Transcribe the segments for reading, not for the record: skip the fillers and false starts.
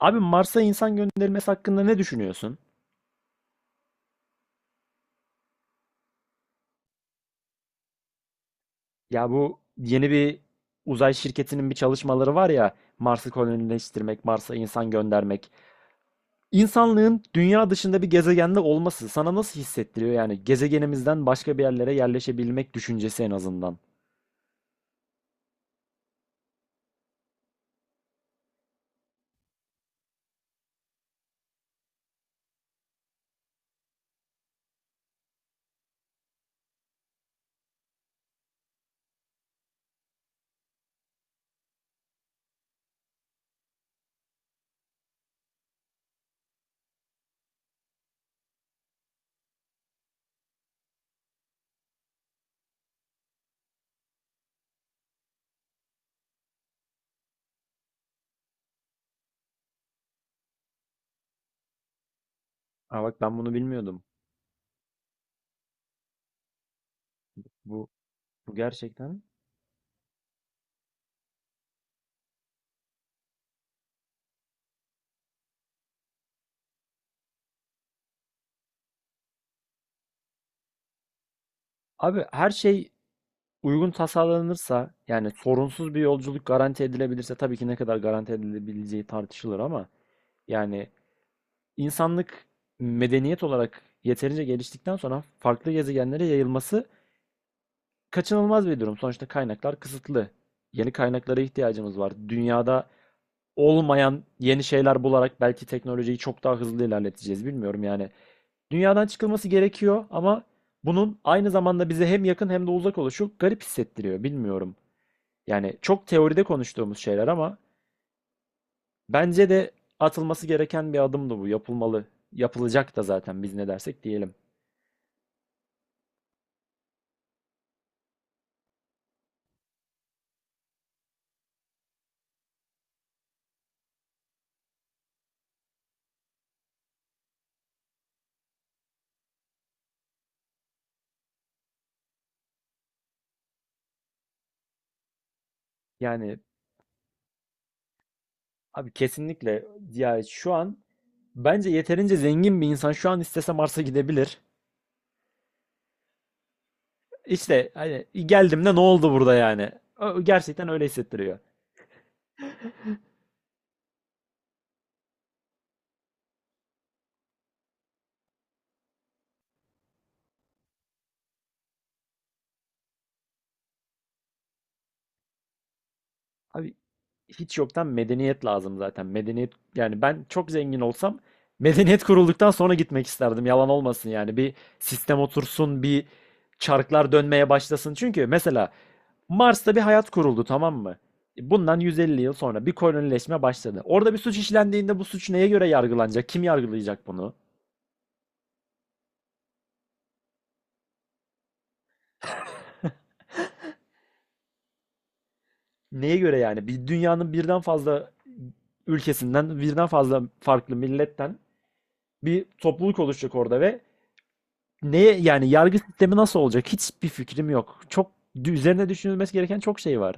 Abi Mars'a insan gönderilmesi hakkında ne düşünüyorsun? Ya bu yeni bir uzay şirketinin bir çalışmaları var ya Mars'ı kolonileştirmek, Mars'a insan göndermek. İnsanlığın dünya dışında bir gezegende olması sana nasıl hissettiriyor? Yani gezegenimizden başka bir yerlere yerleşebilmek düşüncesi en azından. Ha bak ben bunu bilmiyordum. Bu, bu gerçekten. Abi her şey uygun tasarlanırsa yani sorunsuz bir yolculuk garanti edilebilirse tabii ki ne kadar garanti edilebileceği tartışılır ama yani insanlık medeniyet olarak yeterince geliştikten sonra farklı gezegenlere yayılması kaçınılmaz bir durum. Sonuçta kaynaklar kısıtlı. Yeni kaynaklara ihtiyacımız var. Dünyada olmayan yeni şeyler bularak belki teknolojiyi çok daha hızlı ilerleteceğiz. Bilmiyorum yani. Dünyadan çıkılması gerekiyor ama bunun aynı zamanda bize hem yakın hem de uzak oluşu garip hissettiriyor. Bilmiyorum. Yani çok teoride konuştuğumuz şeyler ama bence de atılması gereken bir adımdı bu. Yapılmalı. Yapılacak da zaten biz ne dersek diyelim. Yani abi kesinlikle ya şu an bence yeterince zengin bir insan şu an istese Mars'a gidebilir. İşte hani geldim de ne oldu burada yani? Gerçekten öyle hissettiriyor. Abi hiç yoktan medeniyet lazım zaten. Medeniyet yani ben çok zengin olsam medeniyet kurulduktan sonra gitmek isterdim. Yalan olmasın yani. Bir sistem otursun, bir çarklar dönmeye başlasın. Çünkü mesela Mars'ta bir hayat kuruldu tamam mı? Bundan 150 yıl sonra bir kolonileşme başladı. Orada bir suç işlendiğinde bu suç neye göre yargılanacak? Kim yargılayacak bunu? Neye göre yani? Bir dünyanın birden fazla ülkesinden, birden fazla farklı milletten bir topluluk oluşacak orada ve neye yani yargı sistemi nasıl olacak? Hiçbir fikrim yok. Çok üzerine düşünülmesi gereken çok şey var.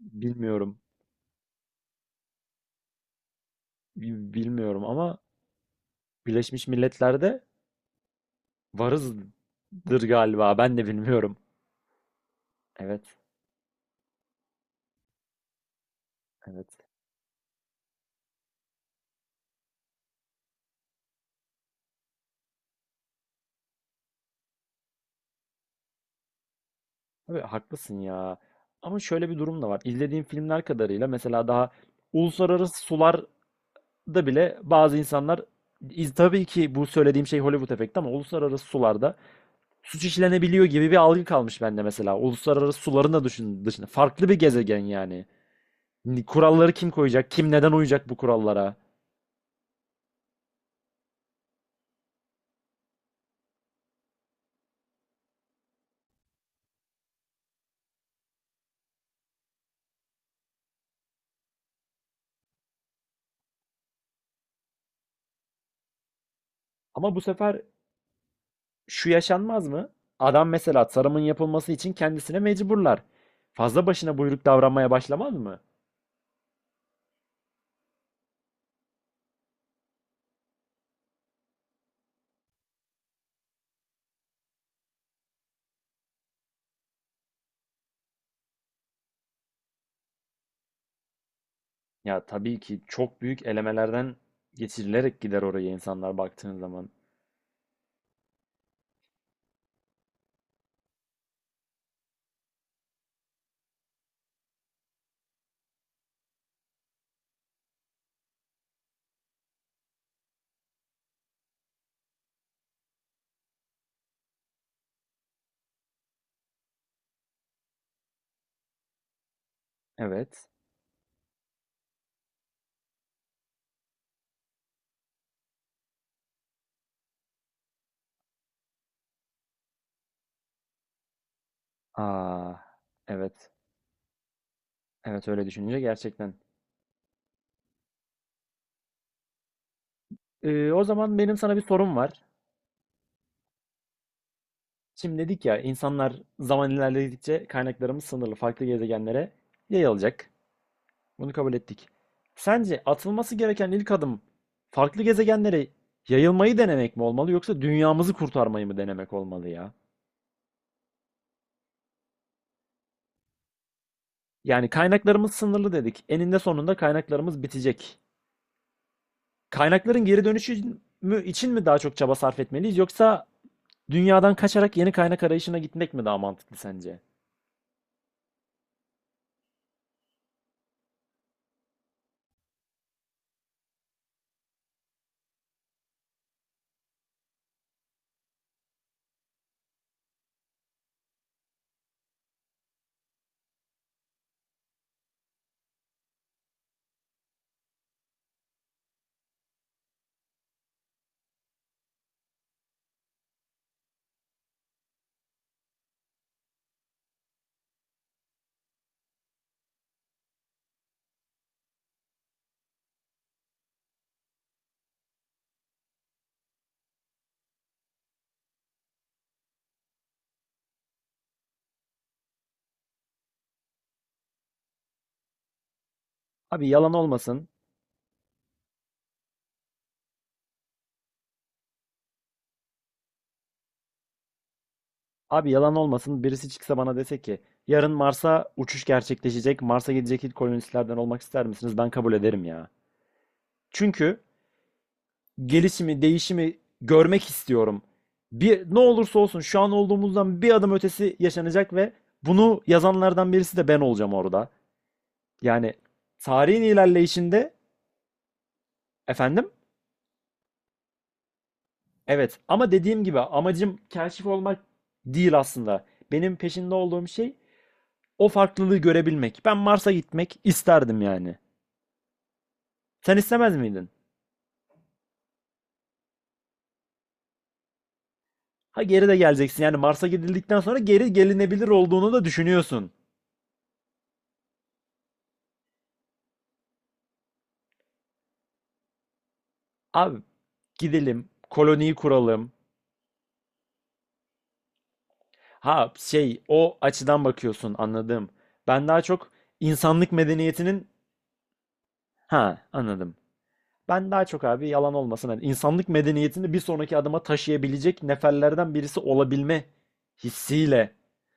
Bilmiyorum. Bilmiyorum ama Birleşmiş Milletler'de varızdır galiba. Ben de bilmiyorum. Evet. Evet. Tabii haklısın ya. Ama şöyle bir durum da var. İzlediğim filmler kadarıyla mesela daha uluslararası sularda bile bazı insanlar tabii ki bu söylediğim şey Hollywood efekti ama uluslararası sularda suç işlenebiliyor gibi bir algı kalmış bende mesela. Uluslararası suların da düşün, dışında. Farklı bir gezegen yani. Kuralları kim koyacak? Kim neden uyacak bu kurallara? Ama bu sefer şu yaşanmaz mı? Adam mesela tarımın yapılması için kendisine mecburlar. Fazla başına buyruk davranmaya başlamaz mı? Ya tabii ki çok büyük elemelerden geçirilerek gider oraya insanlar baktığın zaman. Evet. Aa, evet. Evet öyle düşününce gerçekten. O zaman benim sana bir sorum var. Şimdi dedik ya insanlar zaman ilerledikçe kaynaklarımız sınırlı farklı gezegenlere yayılacak. Bunu kabul ettik. Sence atılması gereken ilk adım farklı gezegenlere yayılmayı denemek mi olmalı yoksa dünyamızı kurtarmayı mı denemek olmalı ya? Yani kaynaklarımız sınırlı dedik. Eninde sonunda kaynaklarımız bitecek. Kaynakların geri dönüşü mü için mi daha çok çaba sarf etmeliyiz yoksa dünyadan kaçarak yeni kaynak arayışına gitmek mi daha mantıklı sence? Abi yalan olmasın. Abi yalan olmasın. Birisi çıksa bana dese ki yarın Mars'a uçuş gerçekleşecek. Mars'a gidecek ilk kolonistlerden olmak ister misiniz? Ben kabul ederim ya. Çünkü gelişimi, değişimi görmek istiyorum. Bir, ne olursa olsun şu an olduğumuzdan bir adım ötesi yaşanacak ve bunu yazanlardan birisi de ben olacağım orada. Yani tarihin ilerleyişinde efendim evet ama dediğim gibi amacım kaşif olmak değil aslında. Benim peşinde olduğum şey o farklılığı görebilmek. Ben Mars'a gitmek isterdim yani. Sen istemez miydin? Ha geri de geleceksin yani Mars'a gidildikten sonra geri gelinebilir olduğunu da düşünüyorsun. Abi gidelim, koloniyi kuralım, Ha şey o açıdan bakıyorsun anladım. Ben daha çok insanlık medeniyetinin ha anladım. Ben daha çok abi yalan olmasın hani insanlık medeniyetini bir sonraki adıma taşıyabilecek neferlerden birisi olabilme hissiyle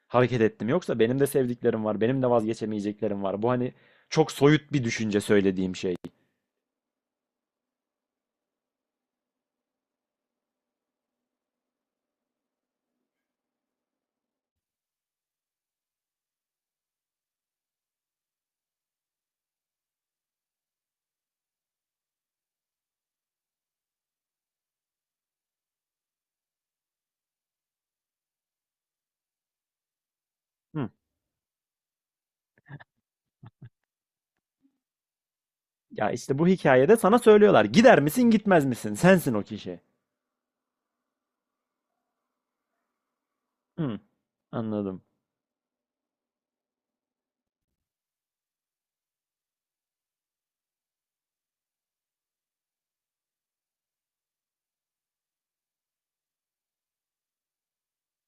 hareket ettim. Yoksa benim de sevdiklerim var, benim de vazgeçemeyeceklerim var. Bu hani çok soyut bir düşünce söylediğim şey. Hı. Ya işte bu hikayede sana söylüyorlar. Gider misin, gitmez misin? Sensin o kişi. Hı. Anladım.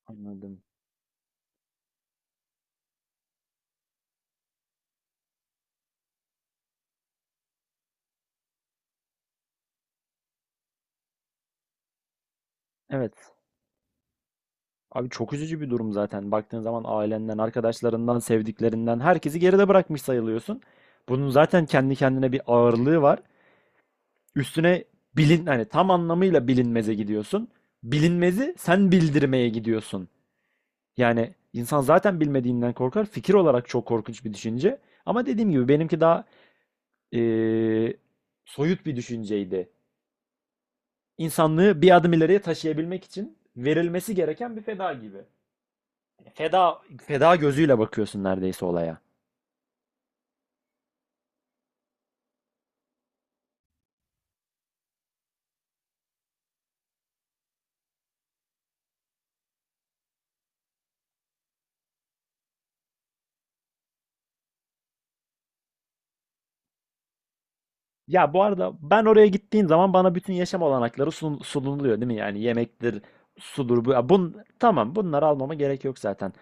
Anladım. Evet. Abi çok üzücü bir durum zaten. Baktığın zaman ailenden, arkadaşlarından, sevdiklerinden herkesi geride bırakmış sayılıyorsun. Bunun zaten kendi kendine bir ağırlığı var. Üstüne bilin hani tam anlamıyla bilinmeze gidiyorsun. Bilinmezi sen bildirmeye gidiyorsun. Yani insan zaten bilmediğinden korkar. Fikir olarak çok korkunç bir düşünce. Ama dediğim gibi benimki daha eee, soyut bir düşünceydi. İnsanlığı bir adım ileriye taşıyabilmek için verilmesi gereken bir feda gibi. Feda feda gözüyle bakıyorsun neredeyse olaya. Ya bu arada ben oraya gittiğim zaman bana bütün yaşam olanakları sunuluyor değil mi? Yani yemektir, sudur bu. Tamam bunları almama gerek yok zaten.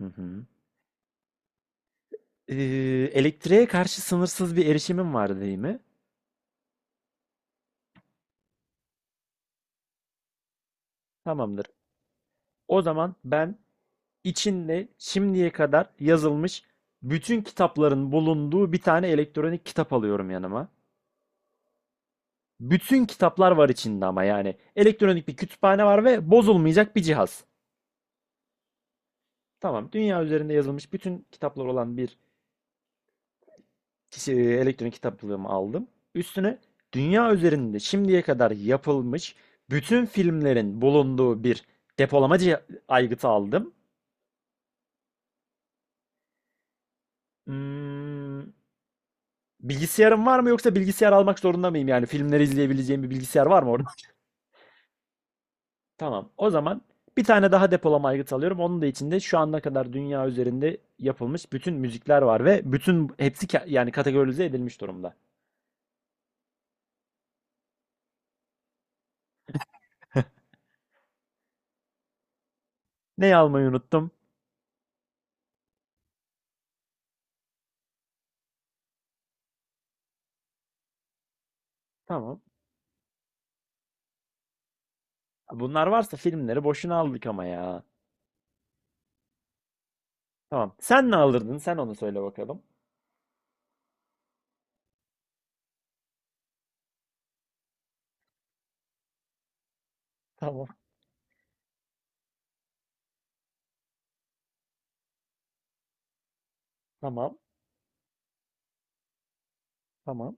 Hı hı. Ee, Elektriğe karşı sınırsız bir erişimim var değil mi? Tamamdır. O zaman ben içinde şimdiye kadar yazılmış bütün kitapların bulunduğu bir tane elektronik kitap alıyorum yanıma. Bütün kitaplar var içinde ama yani elektronik bir kütüphane var ve bozulmayacak bir cihaz. Tamam. Dünya üzerinde yazılmış bütün kitaplar olan bir kişi, elektronik kitaplığımı aldım. Üstüne dünya üzerinde şimdiye kadar yapılmış bütün filmlerin bulunduğu bir depolamacı aygıtı aldım. Hmm, Bilgisayarım var mı yoksa bilgisayar almak zorunda mıyım? Yani filmleri izleyebileceğim bir bilgisayar var mı orada? Tamam. O zaman bir tane daha depolama aygıtı alıyorum. Onun da içinde şu ana kadar dünya üzerinde yapılmış bütün müzikler var ve bütün hepsi yani kategorize edilmiş durumda. Neyi almayı unuttum? Tamam. Bunlar varsa filmleri boşuna aldık ama ya. Tamam. Sen ne alırdın? Sen onu söyle bakalım. Tamam. Tamam. Tamam.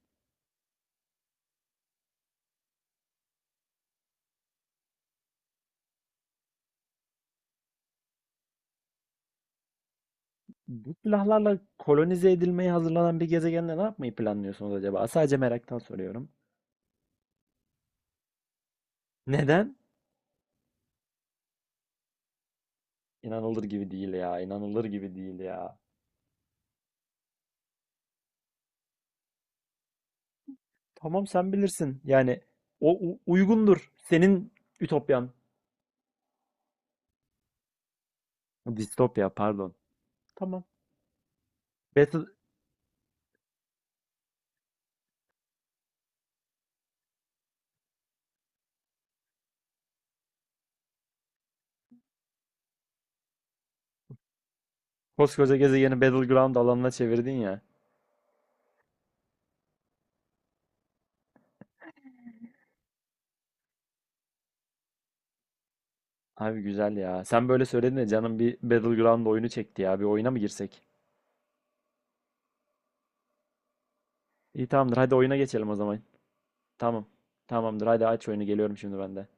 Bu silahlarla kolonize edilmeye hazırlanan bir gezegende ne yapmayı planlıyorsunuz acaba? Sadece meraktan soruyorum. Neden? İnanılır gibi değil ya. İnanılır gibi değil ya. Tamam sen bilirsin. Yani o uygundur. Senin ütopyan. Distopya pardon. Tamam. Battle, koskoca gezegeni Battleground alanına çevirdin ya. Abi güzel ya. Sen böyle söyledin de canım bir Battleground oyunu çekti ya. Bir oyuna mı girsek? İyi tamamdır. Hadi oyuna geçelim o zaman. Tamam. Tamamdır. Hadi aç oyunu. Geliyorum şimdi ben de.